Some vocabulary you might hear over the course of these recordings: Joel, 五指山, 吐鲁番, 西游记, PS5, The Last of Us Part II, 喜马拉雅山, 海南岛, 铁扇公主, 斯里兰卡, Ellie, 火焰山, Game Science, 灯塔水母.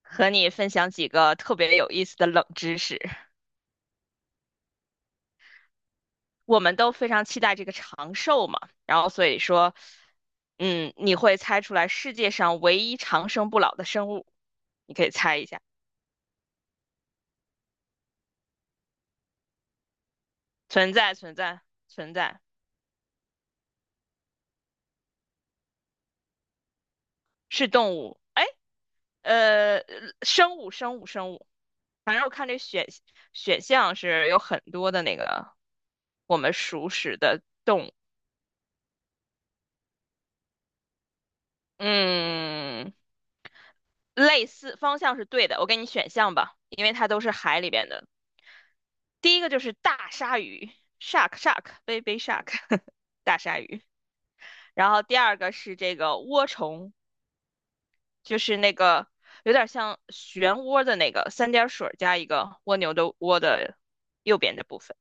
和你分享几个特别有意思的冷知识。我们都非常期待这个长寿嘛，然后所以说，你会猜出来世界上唯一长生不老的生物，你可以猜一下，存在存在存在，是动物，哎，呃，生物生物生物，反正我看这选项是有很多的那个我们熟识的动物，嗯。类似方向是对的，我给你选项吧，因为它都是海里边的。第一个就是大鲨鱼，shark shark baby shark，大鲨鱼。然后第二个是这个涡虫，就是那个有点像漩涡的那个三点水加一个蜗牛的蜗的右边的部分，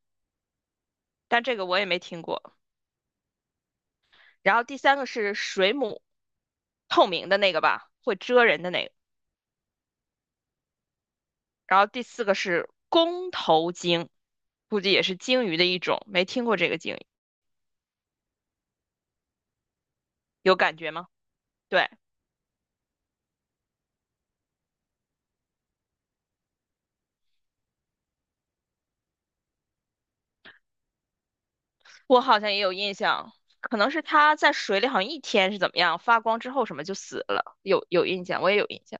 但这个我也没听过。然后第三个是水母，透明的那个吧，会蜇人的那个。然后第四个是弓头鲸，估计也是鲸鱼的一种，没听过这个鲸鱼，有感觉吗？对，我好像也有印象，可能是它在水里好像一天是怎么样，发光之后什么就死了，有印象，我也有印象。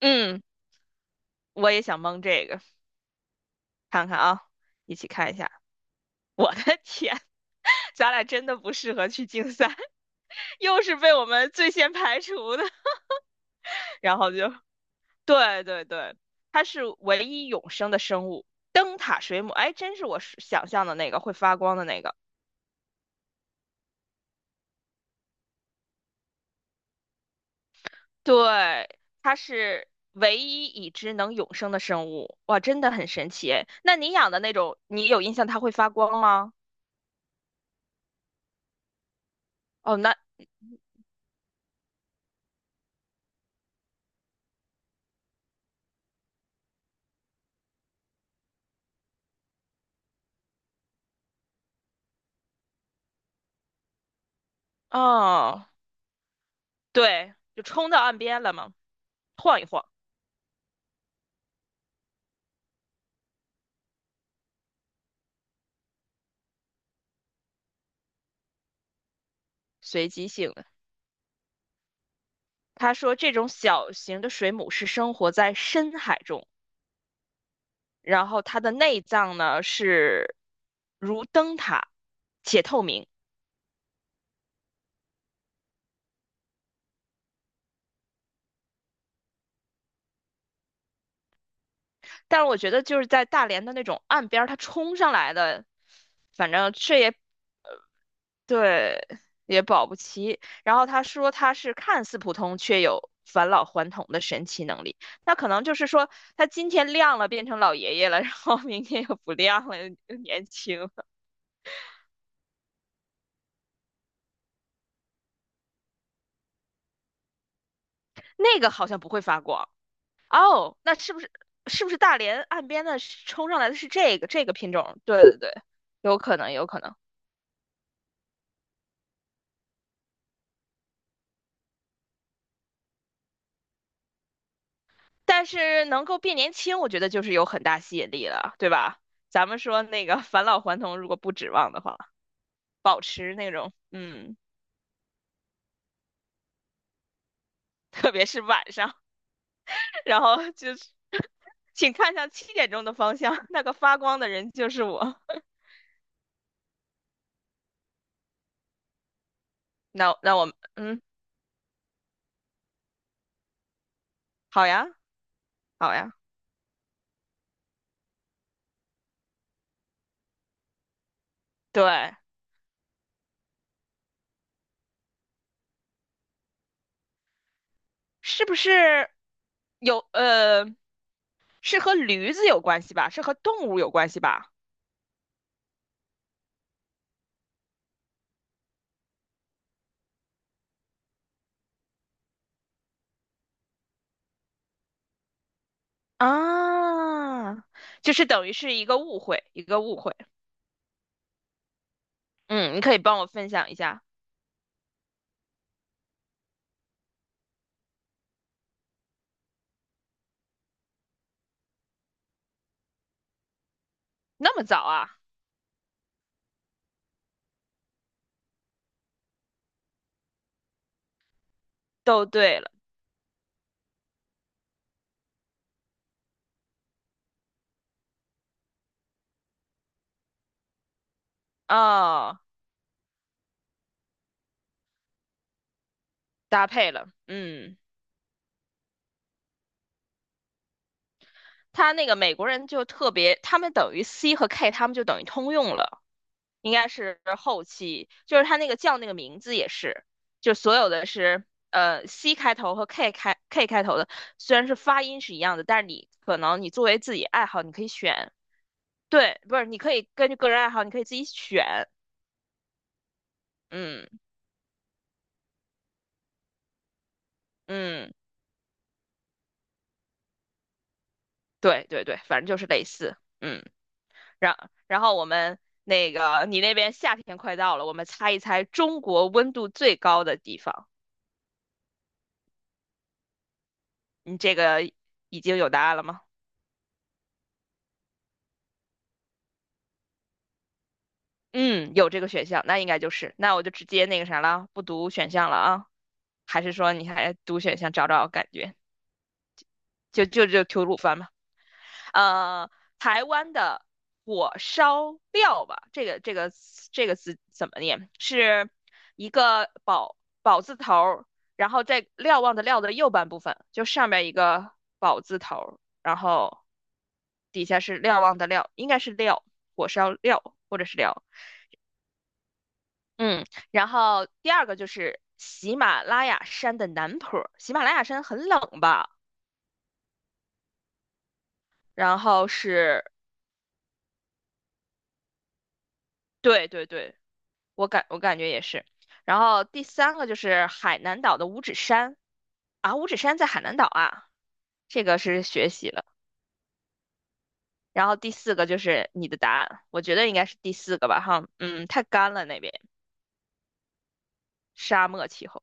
嗯，我也想蒙这个，看看啊，一起看一下。我的天，咱俩真的不适合去竞赛，又是被我们最先排除的，然后就对对对，它是唯一永生的生物。灯塔水母，哎，真是我是想象的那个会发光的那个。对，它是唯一已知能永生的生物，哇，真的很神奇诶。那你养的那种，你有印象它会发光吗？哦，那哦，对，就冲到岸边了嘛，晃一晃，随机性的。他说，这种小型的水母是生活在深海中，然后它的内脏呢是如灯塔，且透明。但是我觉得就是在大连的那种岸边儿，它冲上来的，反正这也对，也保不齐。然后他说他是看似普通，却有返老还童的神奇能力。那可能就是说他今天亮了，变成老爷爷了，然后明天又不亮了，又年轻了 那个好像不会发光。哦，那是不是大连岸边的是冲上来的是这个品种？对对对，有可能有可能，但是能够变年轻，我觉得就是有很大吸引力了，对吧？咱们说那个 返老还童，如果不指望的话，保持那种嗯，特别是晚上，然后就是 请看向7点钟的方向，那个发光的人就是我。那我们嗯，好呀好呀，对，是不是有？是和驴子有关系吧？是和动物有关系吧？啊，就是等于是一个误会，一个误会。嗯，你可以帮我分享一下。那么早啊？都对了，哦，搭配了。嗯，他那个美国人就特别，他们等于 C 和 K，他们就等于通用了，应该是后期，就是他那个叫那个名字也是，就所有的是C 开头和 K 开头的，虽然是发音是一样的，但是你可能你作为自己爱好，你可以选。对，不是，你可以根据个人爱好，你可以自己选。嗯嗯，对对对，反正就是类似。嗯，然然后我们那个你那边夏天快到了，我们猜一猜中国温度最高的地方。你这个已经有答案了吗？嗯，有这个选项，那应该就是，那我就直接那个啥了，不读选项了啊？还是说你还读选项找找感觉？就吐鲁番吧。呃，台湾的火烧料吧，这个字怎么念？是一个宝字头儿然后在瞭望的瞭的右半部分，就上面一个宝字头儿然后底下是瞭望的瞭，应该是料，火烧料或者是料。嗯，然后第二个就是喜马拉雅山的南坡儿喜马拉雅山很冷吧？然后是，对对对，我感觉也是。然后第三个就是海南岛的五指山啊，五指山在海南岛啊，这个是学习了。然后第四个就是你的答案，我觉得应该是第四个吧，哈，嗯，太干了那边，沙漠气候。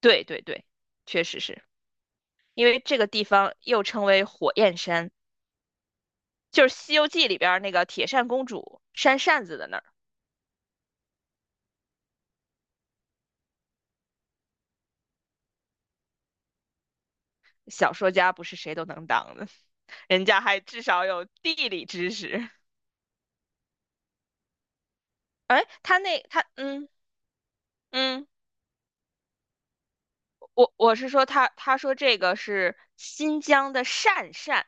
对对对，确实是因为这个地方又称为火焰山，就是《西游记》里边儿那个铁扇公主扇扇子的那儿。小说家不是谁都能当的，人家还至少有地理知识。哎，他嗯嗯。我是说他说这个是新疆的善善，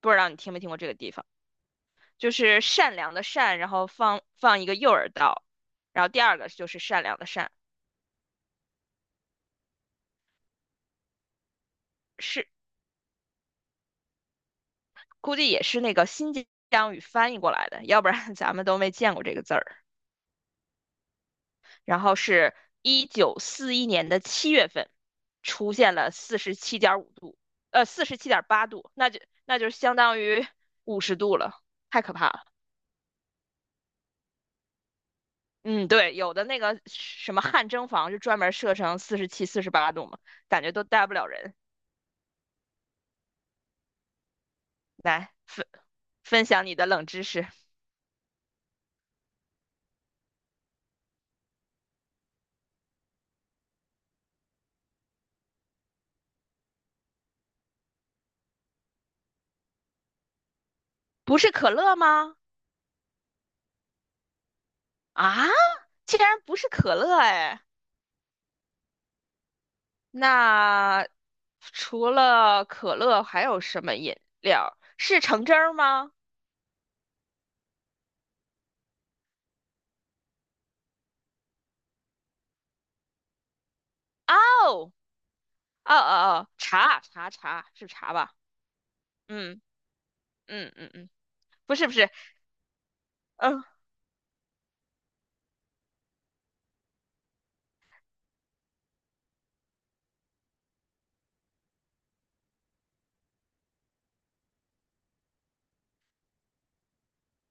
不知道你听没听过这个地方，就是善良的善，然后放一个右耳道，然后第二个就是善良的善，是估计也是那个新疆语翻译过来的，要不然 咱们都没见过这个字儿。然后是1941年的7月份，出现了47.5度，47.8度，那就相当于50度了，太可怕了。嗯，对，有的那个什么汗蒸房就专门设成47、48度嘛，感觉都待不了人。来分享你的冷知识，不是可乐吗？啊，竟然不是可乐哎！那除了可乐还有什么饮料？是橙汁儿吗？哦，哦哦哦，茶茶茶是茶吧？嗯嗯嗯嗯，不是不是，嗯。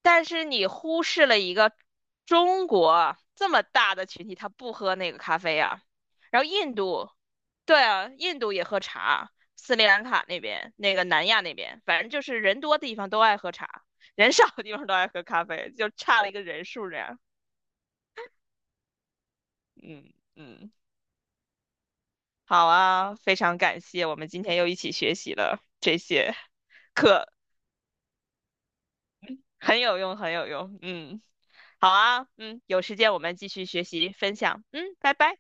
但是你忽视了一个中国这么大的群体，他不喝那个咖啡啊。然后印度，对啊，印度也喝茶，斯里兰卡那边，那个南亚那边，反正就是人多的地方都爱喝茶，人少的地方都爱喝咖啡，就差了一个人数这样。嗯嗯，好啊，非常感谢，我们今天又一起学习了这些课，很有用，很有用。嗯，好啊，嗯，有时间我们继续学习分享。嗯，拜拜。